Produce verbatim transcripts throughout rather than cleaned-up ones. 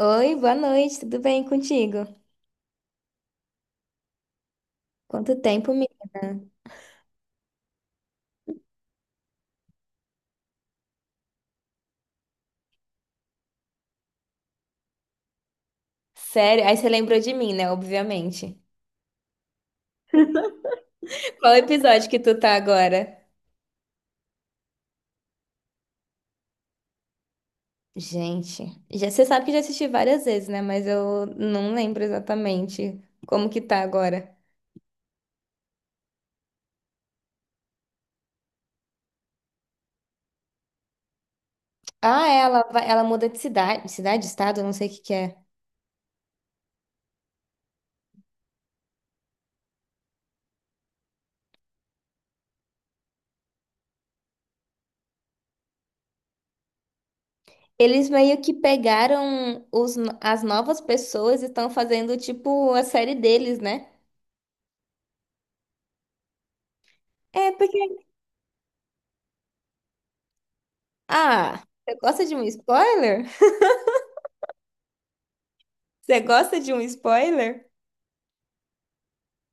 Oi, boa noite, tudo bem contigo? Quanto tempo, me... Sério? Aí você lembrou de mim, né? Obviamente. Qual episódio que tu tá agora? Gente, já, você sabe que eu já assisti várias vezes, né? Mas eu não lembro exatamente como que tá agora. Ah, é, ela, vai- ela muda de cidade, cidade, estado, não sei o que que é. Eles meio que pegaram os, no- as novas pessoas e estão fazendo, tipo, a série deles, né? É, porque... Ah, você gosta de um spoiler? Você gosta de um spoiler?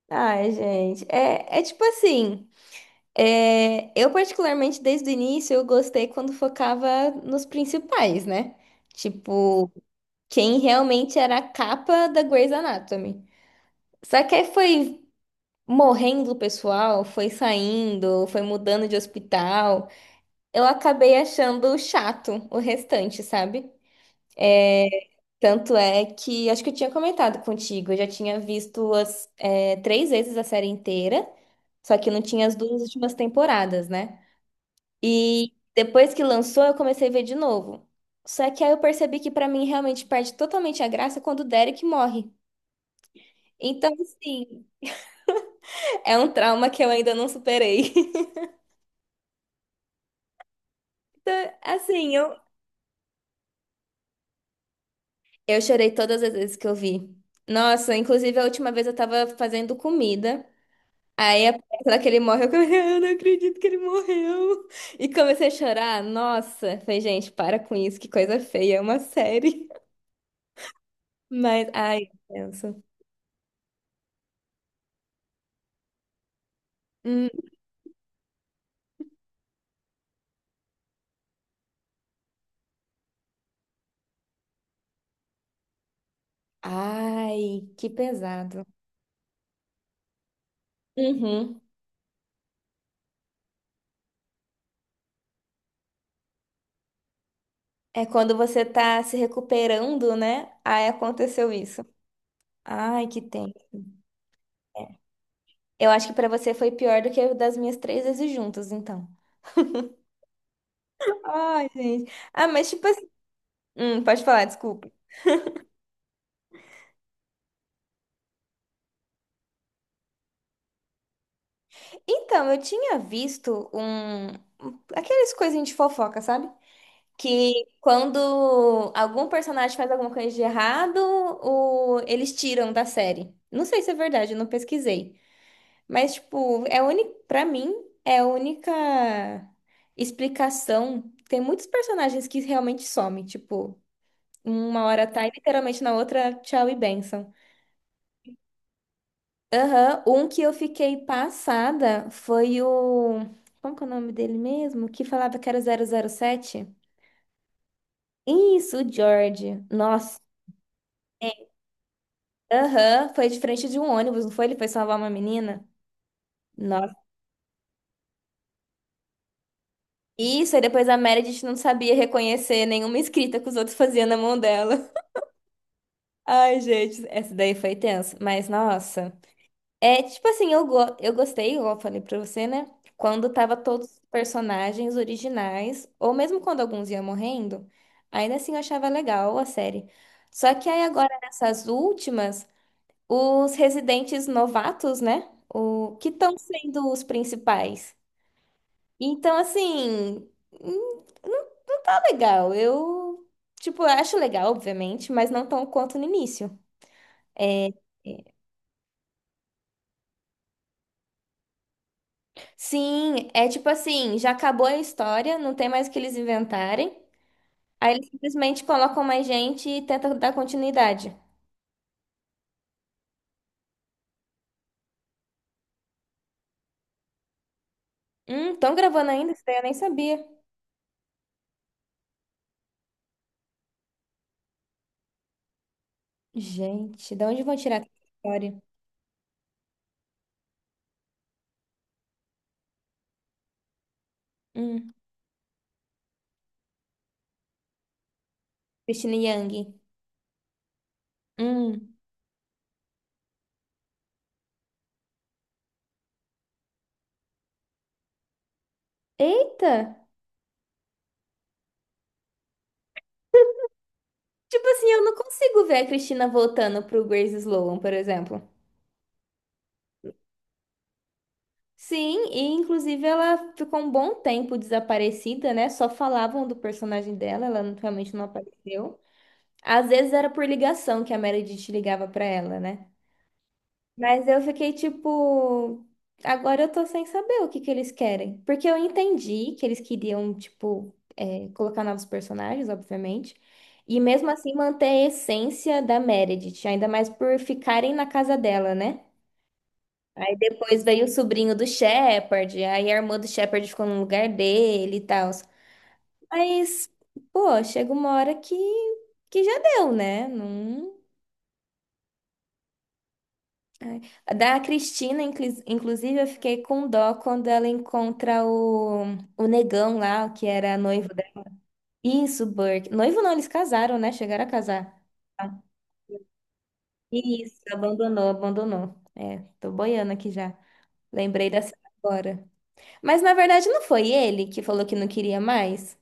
Ai, gente, é, é tipo assim, é, eu particularmente desde o início eu gostei quando focava nos principais, né? Tipo, quem realmente era a capa da Grey's Anatomy. Só que aí foi morrendo o pessoal, foi saindo, foi mudando de hospital. Eu acabei achando chato o restante, sabe? Tanto é que, acho que eu tinha comentado contigo, eu já tinha visto as, é, três vezes a série inteira. Só que não tinha as duas últimas temporadas, né? E depois que lançou, eu comecei a ver de novo. Só que aí eu percebi que pra mim realmente perde totalmente a graça quando o Derek morre. Então, assim, é um trauma que eu ainda não superei. Então, assim, eu, eu chorei todas as vezes que eu vi. Nossa, inclusive a última vez eu tava fazendo comida. Aí, a parte lá que ele morre, eu comecei, eu não acredito que ele morreu. E comecei a chorar. Nossa, falei, gente, para com isso, que coisa feia, é uma série. Mas, ai, penso. Hum, ai, que pesado. Uhum. É quando você tá se recuperando, né? Aí aconteceu isso. Ai, que tem. Eu acho que pra você foi pior do que o das minhas três vezes juntas, então. Ai, gente. Ah, mas tipo assim. Hum, pode falar, desculpa. Então, eu tinha visto um. um- aqueles coisinhas de fofoca, sabe? Que quando algum personagem faz alguma coisa de errado, o... eles tiram da série. Não sei se é verdade, eu não pesquisei. Mas, tipo, é única, pra mim, é a única explicação. Tem muitos personagens que realmente somem, tipo, uma hora tá e literalmente na outra, tchau e benção. Aham, um que eu fiquei passada foi o. Como que é o nome dele mesmo? Que falava que era o zero zero sete. Isso, o George. Nossa. Aham, foi de frente de um ônibus, não foi? Ele foi salvar uma menina. Nossa. Isso, aí depois a Meredith não sabia reconhecer nenhuma escrita que os outros faziam na mão dela. Ai, gente, essa daí foi tensa. Mas, nossa. É, tipo assim, eu, go eu gostei, igual eu falei pra você, né? Quando tava todos os personagens originais, ou mesmo quando alguns iam morrendo, ainda assim eu achava legal a série. Só que aí agora, nessas últimas, os residentes novatos, né? O que estão sendo os principais? Então, assim, hum, não, não tá legal. Eu, tipo, eu acho legal, obviamente, mas não tão quanto no início. É, sim, é tipo assim, já acabou a história, não tem mais o que eles inventarem. Aí eles simplesmente colocam mais gente e tentam dar continuidade. Hum, estão gravando ainda? Isso daí eu nem sabia. Gente, de onde vão tirar essa história? Hum, Christina Yang. Hum. Eita! Tipo assim, eu não consigo ver a Cristina voltando pro Grace Sloan, por exemplo. Sim, e inclusive ela ficou um bom tempo desaparecida, né? Só falavam do personagem dela, ela não- realmente não apareceu. Às vezes era por ligação que a Meredith ligava pra ela, né? Mas eu fiquei tipo, agora eu tô sem saber o que que eles querem. Porque eu entendi que eles queriam, tipo, é, colocar novos personagens, obviamente. E mesmo assim manter a essência da Meredith, ainda mais por ficarem na casa dela, né? Aí depois veio o sobrinho do Shepard, aí a irmã do Shepard ficou no lugar dele e tal. Mas, pô, chega uma hora que, que já deu, né? Não... Ai. A Da Cristina, inclus- inclusive, eu fiquei com dó quando ela encontra o, o negão lá, o que era noivo dela. Isso, Burke. Noivo não, eles casaram, né? Chegaram a casar. Isso, abandonou, abandonou. É, tô boiando aqui já. Lembrei dessa agora. Mas na verdade não foi ele que falou que não queria mais?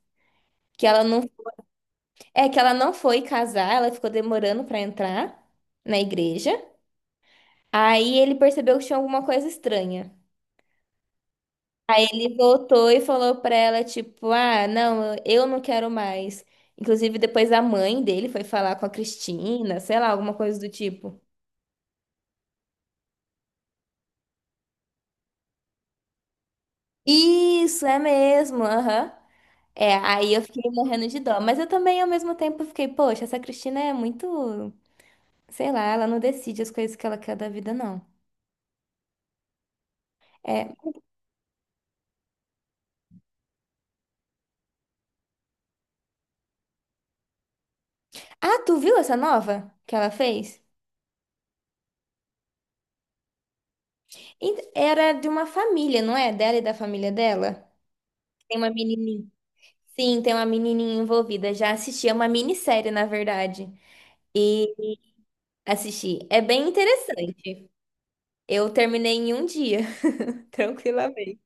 Que ela não, é que ela não foi casar, ela ficou demorando pra entrar na igreja. Aí ele percebeu que tinha alguma coisa estranha. Aí ele voltou e falou pra ela tipo, ah, não, eu não quero mais. Inclusive depois a mãe dele foi falar com a Cristina, sei lá, alguma coisa do tipo. Isso, é mesmo, aham. É, aí eu fiquei morrendo de dó, mas eu também ao mesmo tempo fiquei, poxa, essa Cristina é muito, sei lá, ela não decide as coisas que ela quer da vida, não. É, ah, tu viu essa nova que ela fez? Ent- Era de uma família, não é? Dela e da família dela. Tem uma menininha. Sim, tem uma menininha envolvida. Já assisti, é uma minissérie, na verdade. E Assisti. É bem interessante. Eu terminei em um dia, tranquilamente.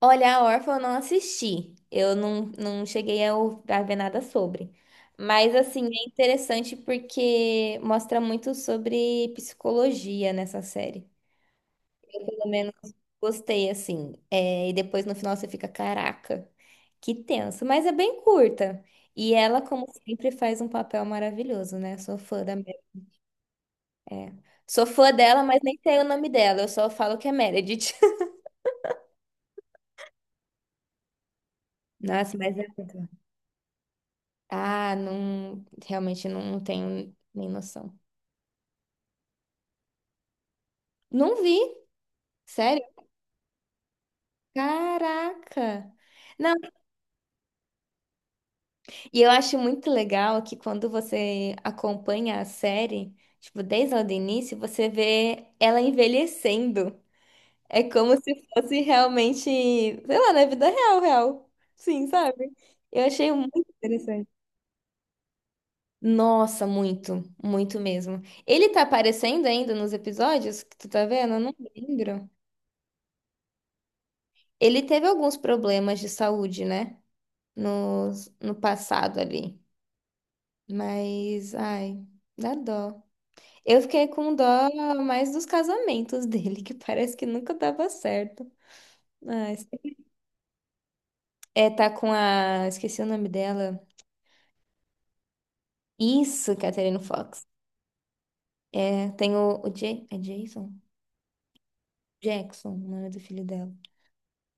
Olha, a Órfã eu não assisti. Eu não, não cheguei a, ou- a ver nada sobre. Mas, assim, é interessante porque mostra muito sobre psicologia nessa série. Pelo menos gostei, assim. É, e depois no final você fica, caraca, que tenso. Mas é bem curta. E ela, como sempre, faz um papel maravilhoso, né? Sou fã da Mer- é. Sou fã dela, mas nem sei o nome dela. Eu só falo que é Meredith. Nossa, mas é muito. Ah, não. Realmente não tenho nem noção. Não vi. Sério? Caraca! Não. E eu acho muito legal que quando você acompanha a série, tipo, desde lá do início, você vê ela envelhecendo. É como se fosse realmente, sei lá, na vida real, real. Sim, sabe? Eu achei muito interessante. Nossa, muito, muito mesmo. Ele tá aparecendo ainda nos episódios que tu tá vendo? Eu não lembro. Ele teve alguns problemas de saúde, né? No, no passado ali. Mas, ai, dá dó. Eu fiquei com dó mais dos casamentos dele, que parece que nunca dava certo. Mas, é, tá com a. Esqueci o nome dela. Isso, Catherine Fox. É, tem o, o Ja- é Jason? Jackson, o nome do filho dela.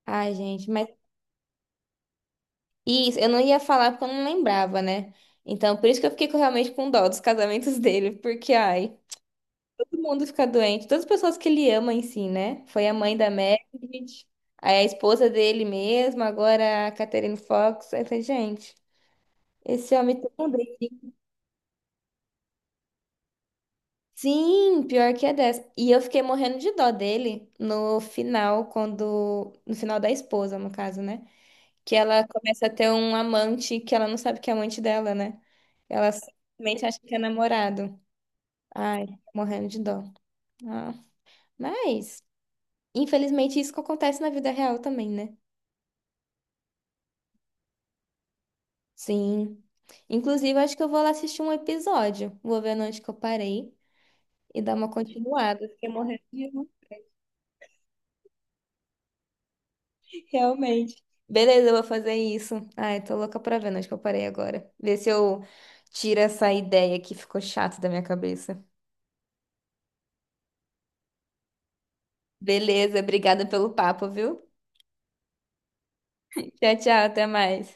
Ai, gente, mas. Isso, eu não ia falar porque eu não lembrava, né? Então, por isso que eu fiquei com- realmente com dó dos casamentos dele, porque, ai. Todo mundo fica doente, todas as pessoas que ele ama em si, né? Foi a mãe da Meredith, aí a esposa dele mesmo, agora a Catherine Fox. Aí eu falei, gente, esse homem tem um dele. Sim, pior que é dessa. E eu fiquei morrendo de dó dele no final, quando. No final da esposa, no caso, né? Que ela começa a ter um amante que ela não sabe que é amante dela, né? Ela simplesmente acha que é namorado. Ai, morrendo de dó. Ah, mas, infelizmente, isso que acontece na vida real também, né? Sim. Inclusive, acho que eu vou lá assistir um episódio. Vou ver onde que eu parei e dar uma continuada. Fiquei morrendo de rir, realmente. Beleza, eu vou fazer isso. Ai, tô louca pra ver onde que eu parei agora. Ver se eu tiro essa ideia que ficou chata da minha cabeça. Beleza, obrigada pelo papo, viu? Tchau, tchau, até mais.